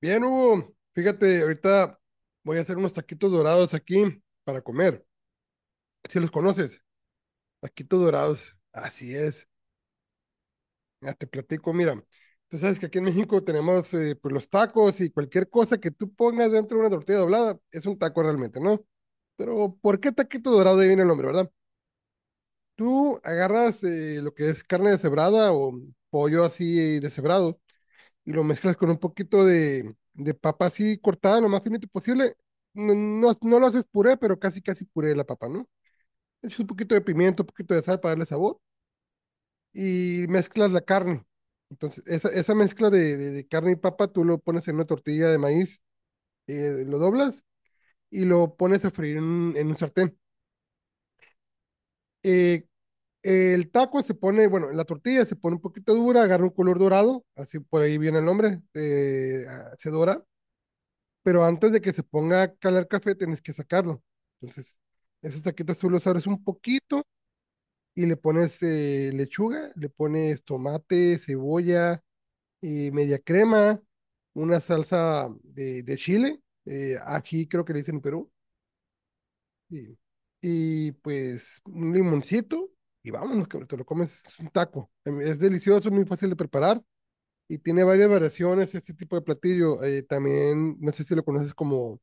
Bien, Hugo, fíjate, ahorita voy a hacer unos taquitos dorados aquí para comer. Si los conoces, taquitos dorados. Así es. Ya te platico, mira. Tú sabes que aquí en México tenemos pues los tacos, y cualquier cosa que tú pongas dentro de una tortilla doblada es un taco realmente, ¿no? Pero ¿por qué taquito dorado? Ahí viene el nombre, ¿verdad? Tú agarras lo que es carne deshebrada o pollo así deshebrado, y lo mezclas con un poquito de papa así cortada lo más finito posible. No, no, no lo haces puré, pero casi casi puré de la papa, ¿no? Le echas un poquito de pimiento, un poquito de sal para darle sabor y mezclas la carne. Entonces, esa mezcla de carne y papa tú lo pones en una tortilla de maíz, lo doblas y lo pones a freír en, en un sartén. Eh, el taco se pone, bueno, la tortilla se pone un poquito dura, agarra un color dorado, así por ahí viene el nombre, se dora, pero antes de que se ponga a calar café tienes que sacarlo. Entonces, esos taquitos tú los abres un poquito y le pones lechuga, le pones tomate, cebolla, media crema, una salsa de chile, aquí creo que le dicen en Perú, y, y pues un limoncito y vámonos, que te lo comes, es un taco. Es delicioso, muy fácil de preparar y tiene varias variaciones este tipo de platillo. También, no sé si lo conoces como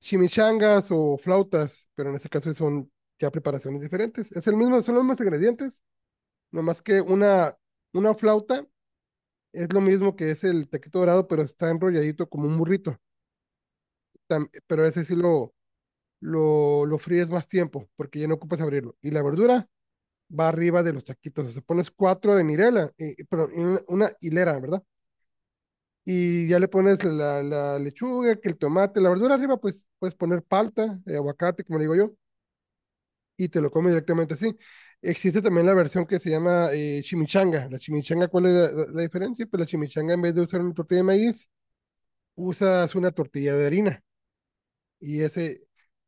chimichangas o flautas, pero en este caso son ya preparaciones diferentes. Es el mismo, son los mismos ingredientes, nomás que una flauta es lo mismo que es el taquito dorado, pero está enrolladito como un burrito. Pero ese sí lo fríes más tiempo, porque ya no ocupas abrirlo. Y la verdura va arriba de los taquitos. O sea, pones cuatro de Mirela, pero en una hilera, ¿verdad? Y ya le pones la lechuga, que el tomate, la verdura arriba, pues puedes poner palta, aguacate, como le digo yo, y te lo comes directamente así. Existe también la versión que se llama chimichanga. La chimichanga, ¿cuál es la diferencia? Pues la chimichanga, en vez de usar una tortilla de maíz, usas una tortilla de harina, y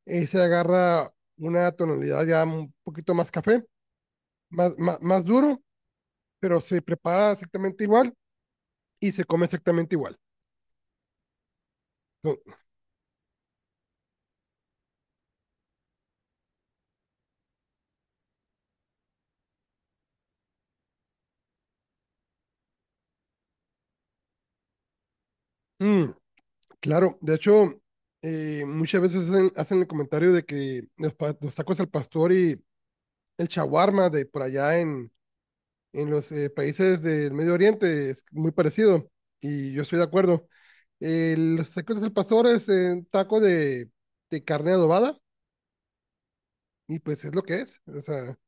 ese agarra una tonalidad ya un poquito más café, más duro, pero se prepara exactamente igual y se come exactamente igual. No, mm, claro, de hecho, muchas veces hacen el comentario de que los, los tacos al pastor y el chaguarma de por allá en los países del Medio Oriente es muy parecido y yo estoy de acuerdo. Los tacos del pastor es taco de carne adobada, y pues es lo que es, o sea,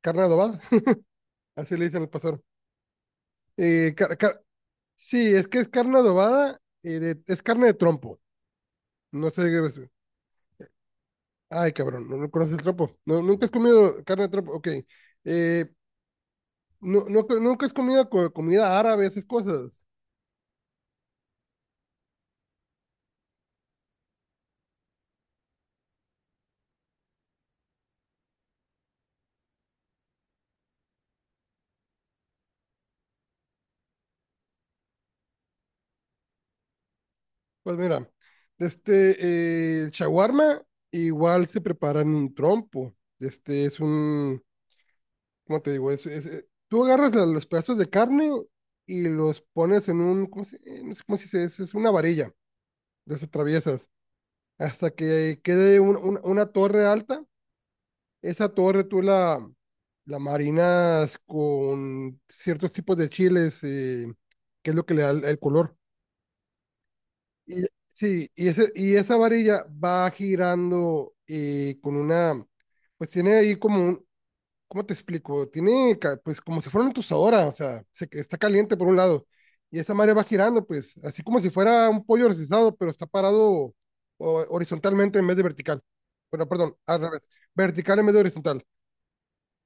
carne adobada, así le dicen al pastor. Eh, car- car- sí, es que es carne adobada, es carne de trompo, no sé qué es- Ay, cabrón, no, no conoces el trompo. No, nunca has comido carne de trompo, ok. Eh, no, no, nunca has comido comida árabe, esas cosas. Pues mira, este, el shawarma igual se prepara en un trompo. Este es un, ¿cómo te digo? Es, tú agarras los pedazos de carne y los pones en un, ¿cómo se, no sé cómo se dice? Es una varilla, las atraviesas hasta que quede una torre alta. Esa torre tú la marinas con ciertos tipos de chiles, que es lo que le da el color. Y, sí, y, ese, y esa varilla va girando con una, pues tiene ahí como un, ¿cómo te explico? Tiene, pues como si fuera una tostadora, o sea, está caliente por un lado, y esa madre va girando, pues, así como si fuera un pollo recesado, pero está parado horizontalmente en vez de vertical. Bueno, perdón, al revés, vertical en vez de horizontal.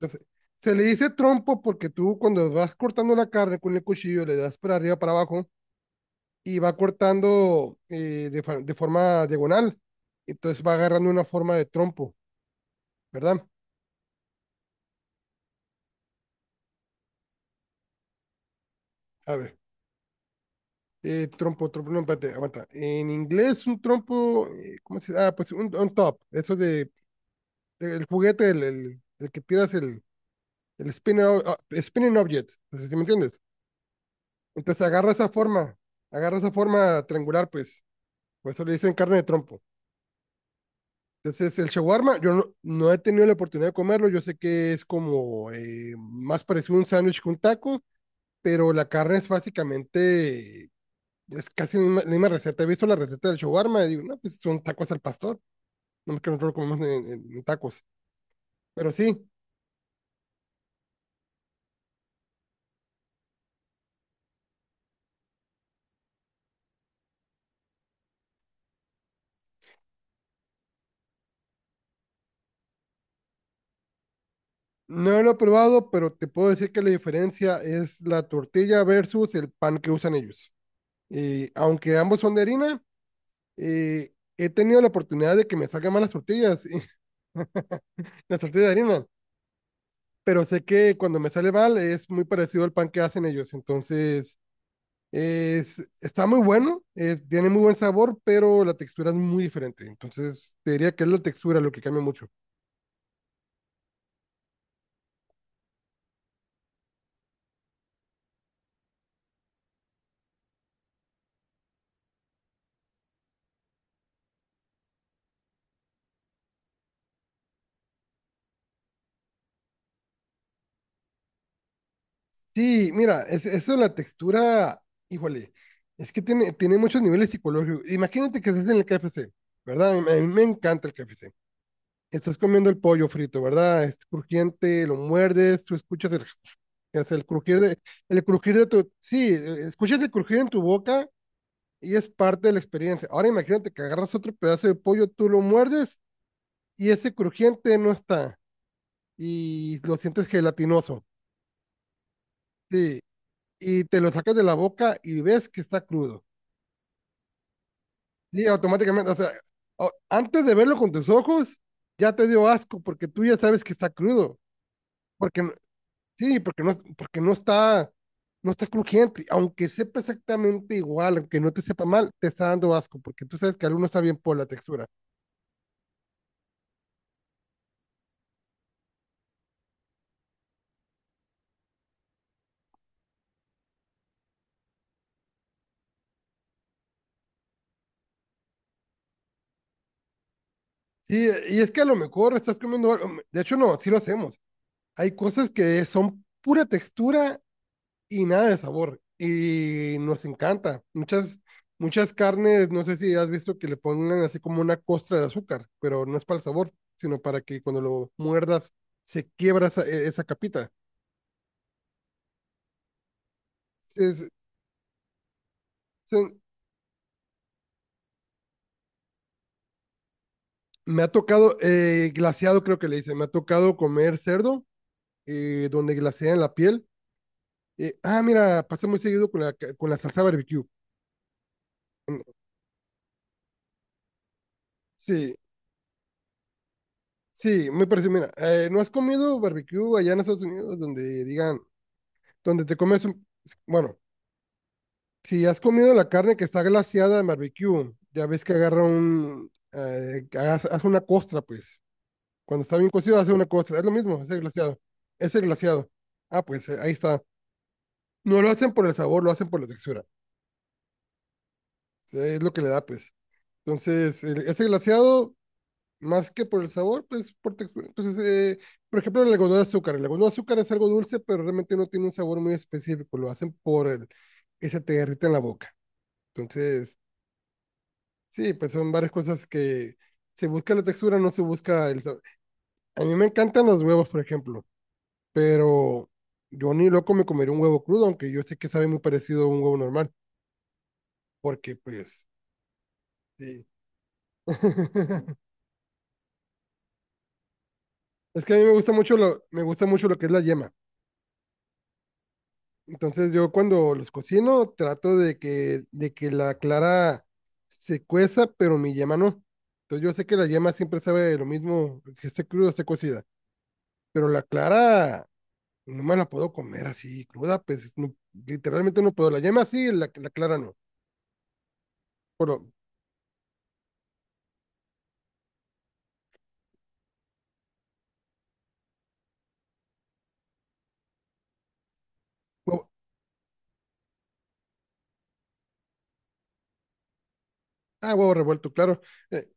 Entonces, se le dice trompo porque tú cuando vas cortando la carne con el cuchillo le das para arriba, para abajo, y va cortando de forma diagonal. Entonces va agarrando una forma de trompo, ¿verdad? A ver, no, espérate, aguanta. En inglés, un trompo, ¿cómo se dice? Ah, pues un top, eso de, el juguete, el que tiras el spinning, spinning object, entonces, ¿sí me entiendes? Entonces agarra esa forma triangular, pues, por eso le dicen carne de trompo. Entonces, el shawarma, yo no, no he tenido la oportunidad de comerlo. Yo sé que es como más parecido a un sándwich que un taco, pero la carne es básicamente, es casi la misma receta. He visto la receta del shawarma y digo, no, pues son tacos al pastor. No es que nosotros lo comemos en, en tacos. Pero sí, no lo he probado, pero te puedo decir que la diferencia es la tortilla versus el pan que usan ellos. Y aunque ambos son de harina, he tenido la oportunidad de que me salgan mal las tortillas, las tortillas de harina, pero sé que cuando me sale mal es muy parecido al pan que hacen ellos, entonces es, está muy bueno, tiene muy buen sabor, pero la textura es muy diferente, entonces te diría que es la textura lo que cambia mucho. Sí, mira, es, eso de la textura, híjole, es que tiene, tiene muchos niveles psicológicos. Imagínate que estás en el KFC, ¿verdad? A mí me encanta el KFC. Estás comiendo el pollo frito, ¿verdad? Es crujiente, lo muerdes, tú escuchas el, o sea, el crujir de tu, sí, e, escuchas el crujir en tu boca y es parte de la experiencia. Ahora imagínate que agarras otro pedazo de pollo, tú lo muerdes y ese crujiente no está y lo sientes gelatinoso. Sí, y te lo sacas de la boca y ves que está crudo. Y automáticamente, o sea, antes de verlo con tus ojos, ya te dio asco porque tú ya sabes que está crudo. Porque no- sí, porque no está, no está crujiente. Aunque sepa exactamente igual, aunque no te sepa mal, te está dando asco porque tú sabes que algo no está bien por la textura. Sí, y es que a lo mejor estás comiendo algo. De hecho, no, sí lo hacemos. Hay cosas que son pura textura y nada de sabor. Y nos encanta. Muchas carnes, no sé si has visto que le pongan así como una costra de azúcar, pero no es para el sabor, sino para que cuando lo muerdas se quiebra esa, esa capita. Es- son- Me ha tocado, glaseado creo que le dicen, me ha tocado comer cerdo, donde glasean la piel. Mira, pasa muy seguido con la, con la salsa barbecue. Sí, sí, me parece. Mira, ¿no has comido barbecue allá en Estados Unidos donde digan, donde te comes un... Bueno, si has comido la carne que está glaseada en barbecue, ya ves que agarra un... hace una costra, pues. Cuando está bien cocido, hace una costra. Es lo mismo, es el glaseado. Es el glaseado. Ah, pues ahí está. No lo hacen por el sabor, lo hacen por la textura. Es lo que le da, pues. Entonces, ese glaseado más que por el sabor, pues por textura. Entonces, por ejemplo, el algodón de azúcar. El algodón de azúcar es algo dulce, pero realmente no tiene un sabor muy específico. Lo hacen por el que se te derrita en la boca. Entonces, sí, pues son varias cosas que se busca la textura, no se busca el sabor. A mí me encantan los huevos, por ejemplo, pero yo ni loco me comería un huevo crudo, aunque yo sé que sabe muy parecido a un huevo normal, porque pues, sí. Es que a mí me gusta mucho lo, me gusta mucho lo que es la yema. Entonces yo cuando los cocino trato de que la clara se cueza, pero mi yema no. Entonces yo sé que la yema siempre sabe lo mismo que esté cruda, esté cocida, pero la clara no me la puedo comer así cruda, literalmente no puedo. La yema sí, la clara no. Pero, huevo- ah, huevo revuelto, claro. Eh,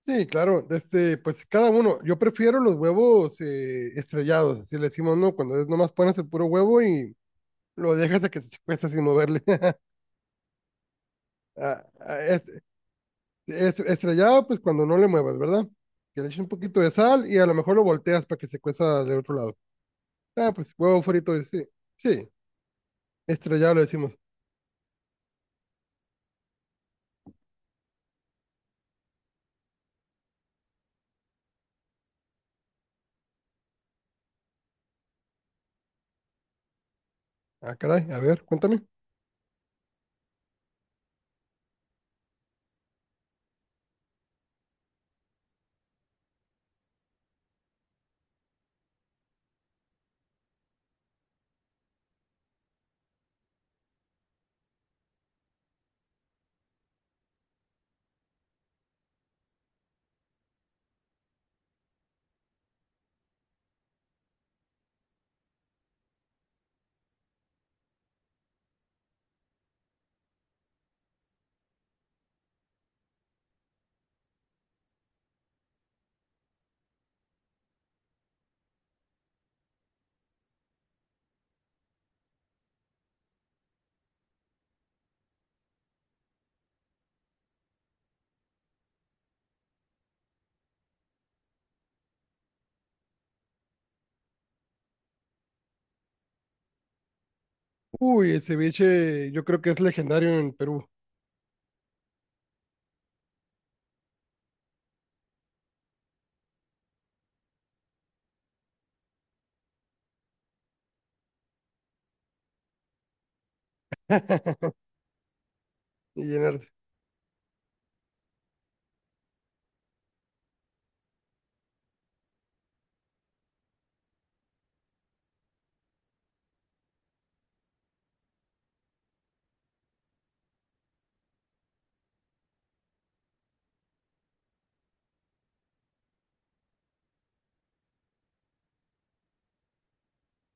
sí, claro, este, pues cada uno. Yo prefiero los huevos estrellados, así le decimos, ¿no? Cuando es nomás pones el puro huevo y lo dejas hasta que se cueza sin moverle. Ah, ah, est- Estrellado, pues cuando no le muevas, ¿verdad? Que le eches un poquito de sal y a lo mejor lo volteas para que se cueza del otro lado. Ah, pues huevo frito, y sí. Sí, estrellado le decimos. Ah, caray, a ver, cuéntame. Uy, el ceviche yo creo que es legendario en Perú. Y llenarte.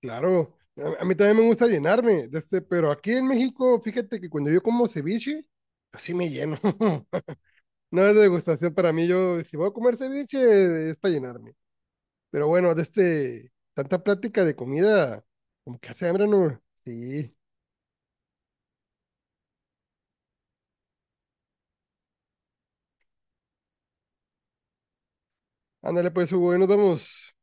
Claro, a mí también me gusta llenarme, de este, pero aquí en México, fíjate que cuando yo como ceviche, yo sí me lleno. No es degustación para mí, yo si voy a comer ceviche es para llenarme. Pero bueno, de este, tanta plática de comida, como que hace hambre, ¿no? Sí. Ándale pues, Hugo, ahí nos vemos.